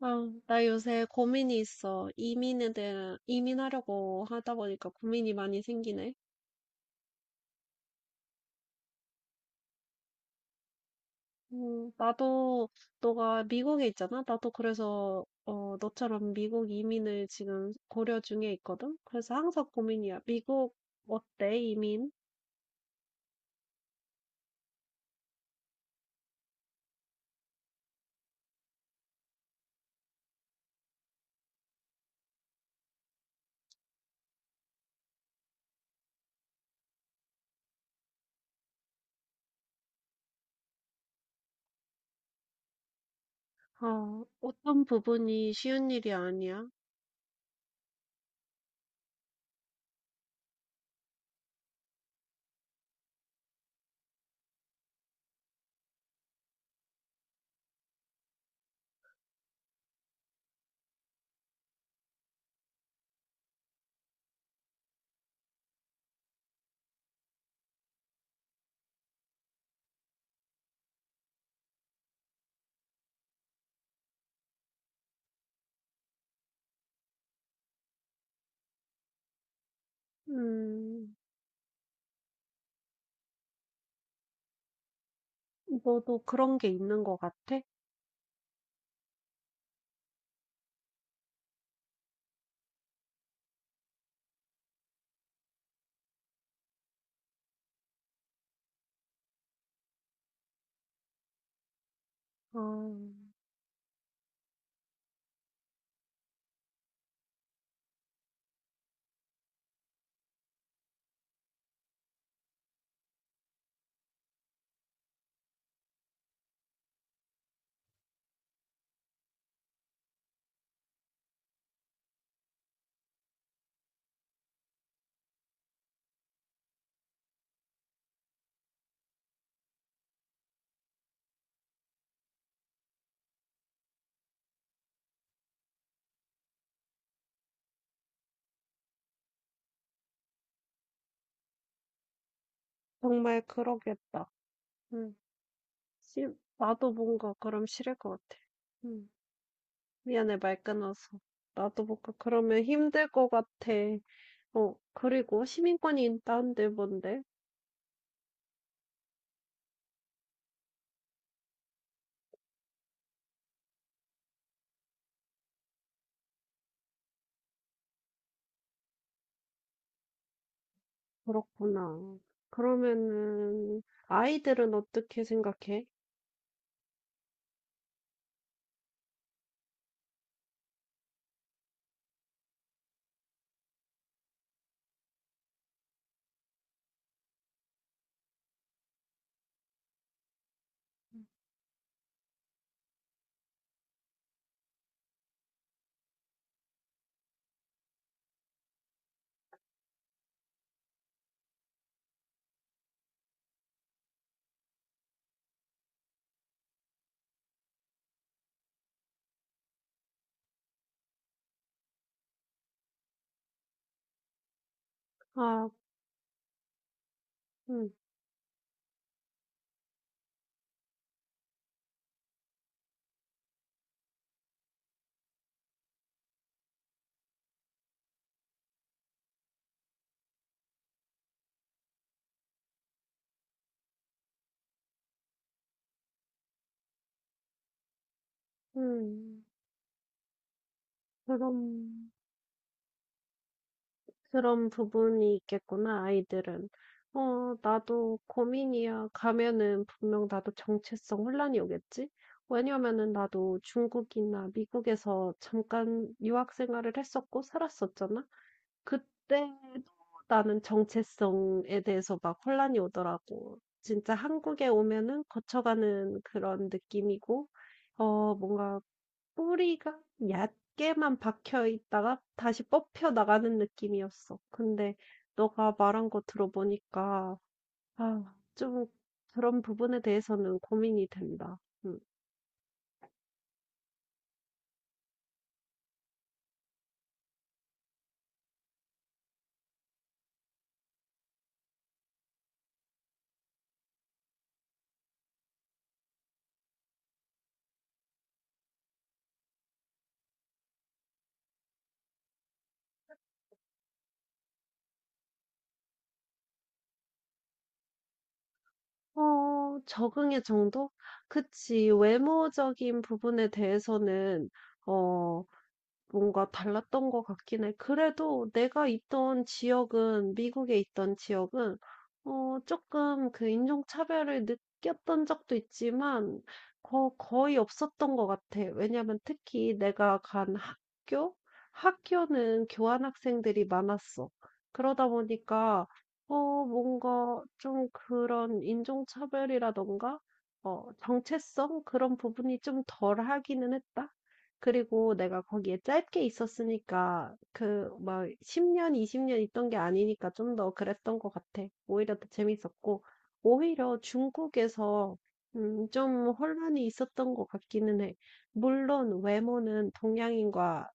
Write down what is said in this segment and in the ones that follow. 아, 나 요새 고민이 있어. 이민에 대한, 이민하려고 하다 보니까 고민이 많이 생기네. 나도, 너가 미국에 있잖아? 나도 그래서, 어, 너처럼 미국 이민을 지금 고려 중에 있거든? 그래서 항상 고민이야. 미국, 어때, 이민? 어, 어떤 부분이 쉬운 일이 아니야? 음, 너도 그런 게 있는 것 같아? 어, 정말 그러겠다. 음, 시- 나도 뭔가 그럼 싫을 것 같아. 음. 미안해, 말 끊어서. 나도 못 가. 그러면 힘들 것 같아. 어, 그리고 시민권이 있다는데 뭔데? 그렇구나. 그러면은, 아이들은 어떻게 생각해? 아, 음, 음, 그런, 그런 부분이 있겠구나, 아이들은. 어, 나도 고민이야. 가면은 분명 나도 정체성 혼란이 오겠지? 왜냐면은 나도 중국이나 미국에서 잠깐 유학 생활을 했었고 살았었잖아. 그때도 나는 정체성에 대해서 막 혼란이 오더라고. 진짜 한국에 오면은 거쳐가는 그런 느낌이고, 어, 뭔가 뿌리가 얕게만 박혀 있다가 다시 뽑혀 나가는 느낌이었어. 근데 너가 말한 거 들어보니까, 아, 좀 그런 부분에 대해서는 고민이 된다. 음. 어, 적응의 정도? 그치. 외모적인 부분에 대해서는, 어, 뭔가 달랐던 것 같긴 해. 그래도 내가 있던 지역은 미국에 있던 지역은 어 조금 그 인종차별을 느꼈던 적도 있지만 거 거의 없었던 것 같아. 왜냐면 특히 내가 간 학교? 학교는 교환 학생들이 많았어. 그러다 보니까 어 뭔가 좀 그런 인종차별이라든가 어 정체성 그런 부분이 좀 덜하기는 했다. 그리고 내가 거기에 짧게 있었으니까 그 막 10년, 20년 있던 게 아니니까 좀 더 그랬던 것 같아. 오히려 더 재밌었고, 오히려 중국에서 좀 혼란이 있었던 것 같기는 해. 물론 외모는 동양인과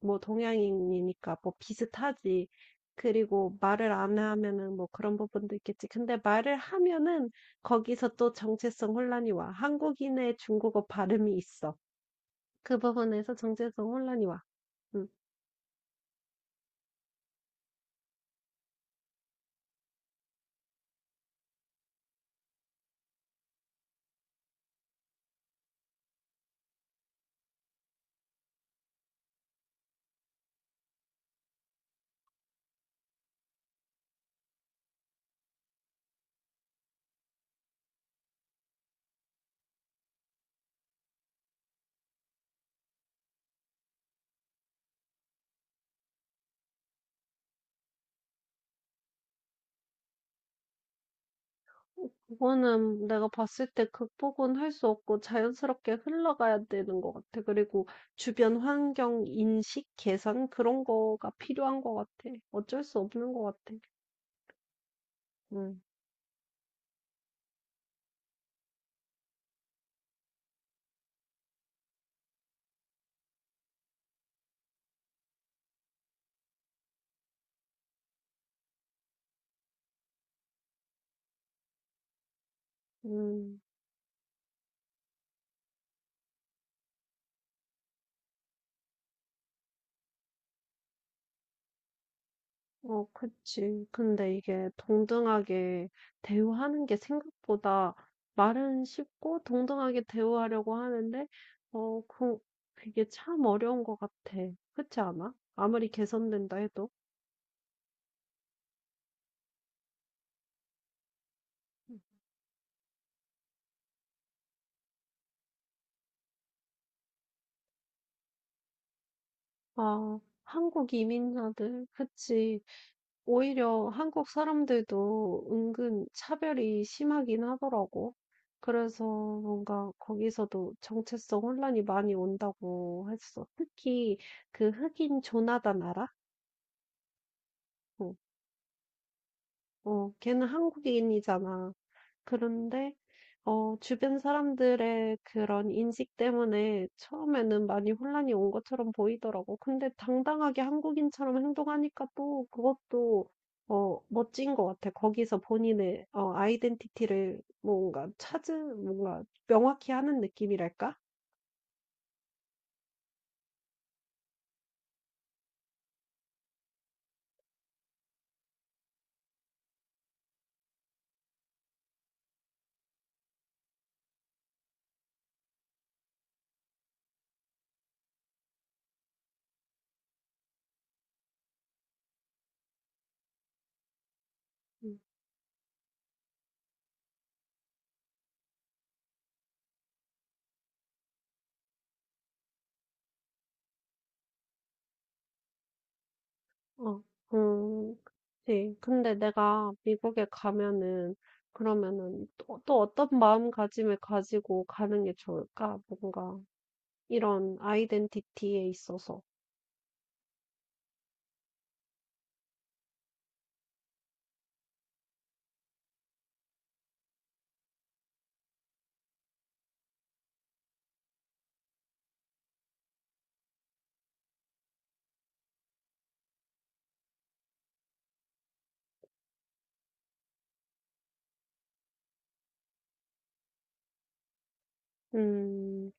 뭐 동양인이니까 뭐 비슷하지. 그리고 말을 안 하면은 뭐 그런 부분도 있겠지. 근데 말을 하면은 거기서 또 정체성 혼란이 와. 한국인의 중국어 발음이 있어. 그 부분에서 정체성 혼란이 와. 음. 그거는 내가 봤을 때 극복은 할 수 없고 자연스럽게 흘러가야 되는 것 같아. 그리고 주변 환경 인식 개선 그런 거가 필요한 것 같아. 어쩔 수 없는 것 같아. 음. 음. 어, 그치. 근데 이게 동등하게 대우하는 게 생각보다 말은 쉽고 동등하게 대우하려고 하는데, 어, 그, 그게 참 어려운 것 같아. 그렇지 않아? 아무리 개선된다 해도. 아, 한국 이민자들, 그치. 오히려 한국 사람들도 은근 차별이 심하긴 하더라고. 그래서 뭔가 거기서도 정체성 혼란이 많이 온다고 했어. 특히 그 흑인 조나단 알아? 어, 어, 걔는 한국인이잖아. 그런데 어 주변 사람들의 그런 인식 때문에 처음에는 많이 혼란이 온 것처럼 보이더라고. 근데 당당하게 한국인처럼 행동하니까 또 그것도 어 멋진 것 같아. 거기서 본인의 어 아이덴티티를 뭔가 찾은 뭔가 명확히 하는 느낌이랄까? 음. 어. 음. 네. 근데 내가 미국에 가면은 그러면은 또, 또 어떤 마음가짐을 가지고 가는 게 좋을까? 뭔가 이런 아이덴티티에 있어서. 음,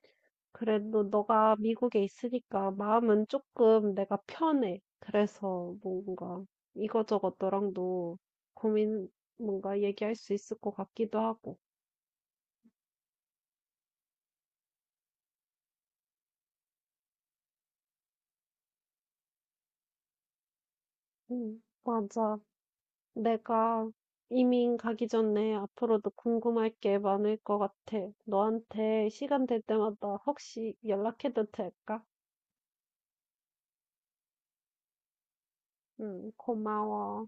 그래도 너가 미국에 있으니까 마음은 조금 내가 편해. 그래서 뭔가 이거저것 너랑도 고민 뭔가 얘기할 수 있을 것 같기도 하고. 맞아. 내가 이민 가기 전에 앞으로도 궁금할 게 많을 것 같아. 너한테 시간 될 때마다 혹시 연락해도 될까? 고마워.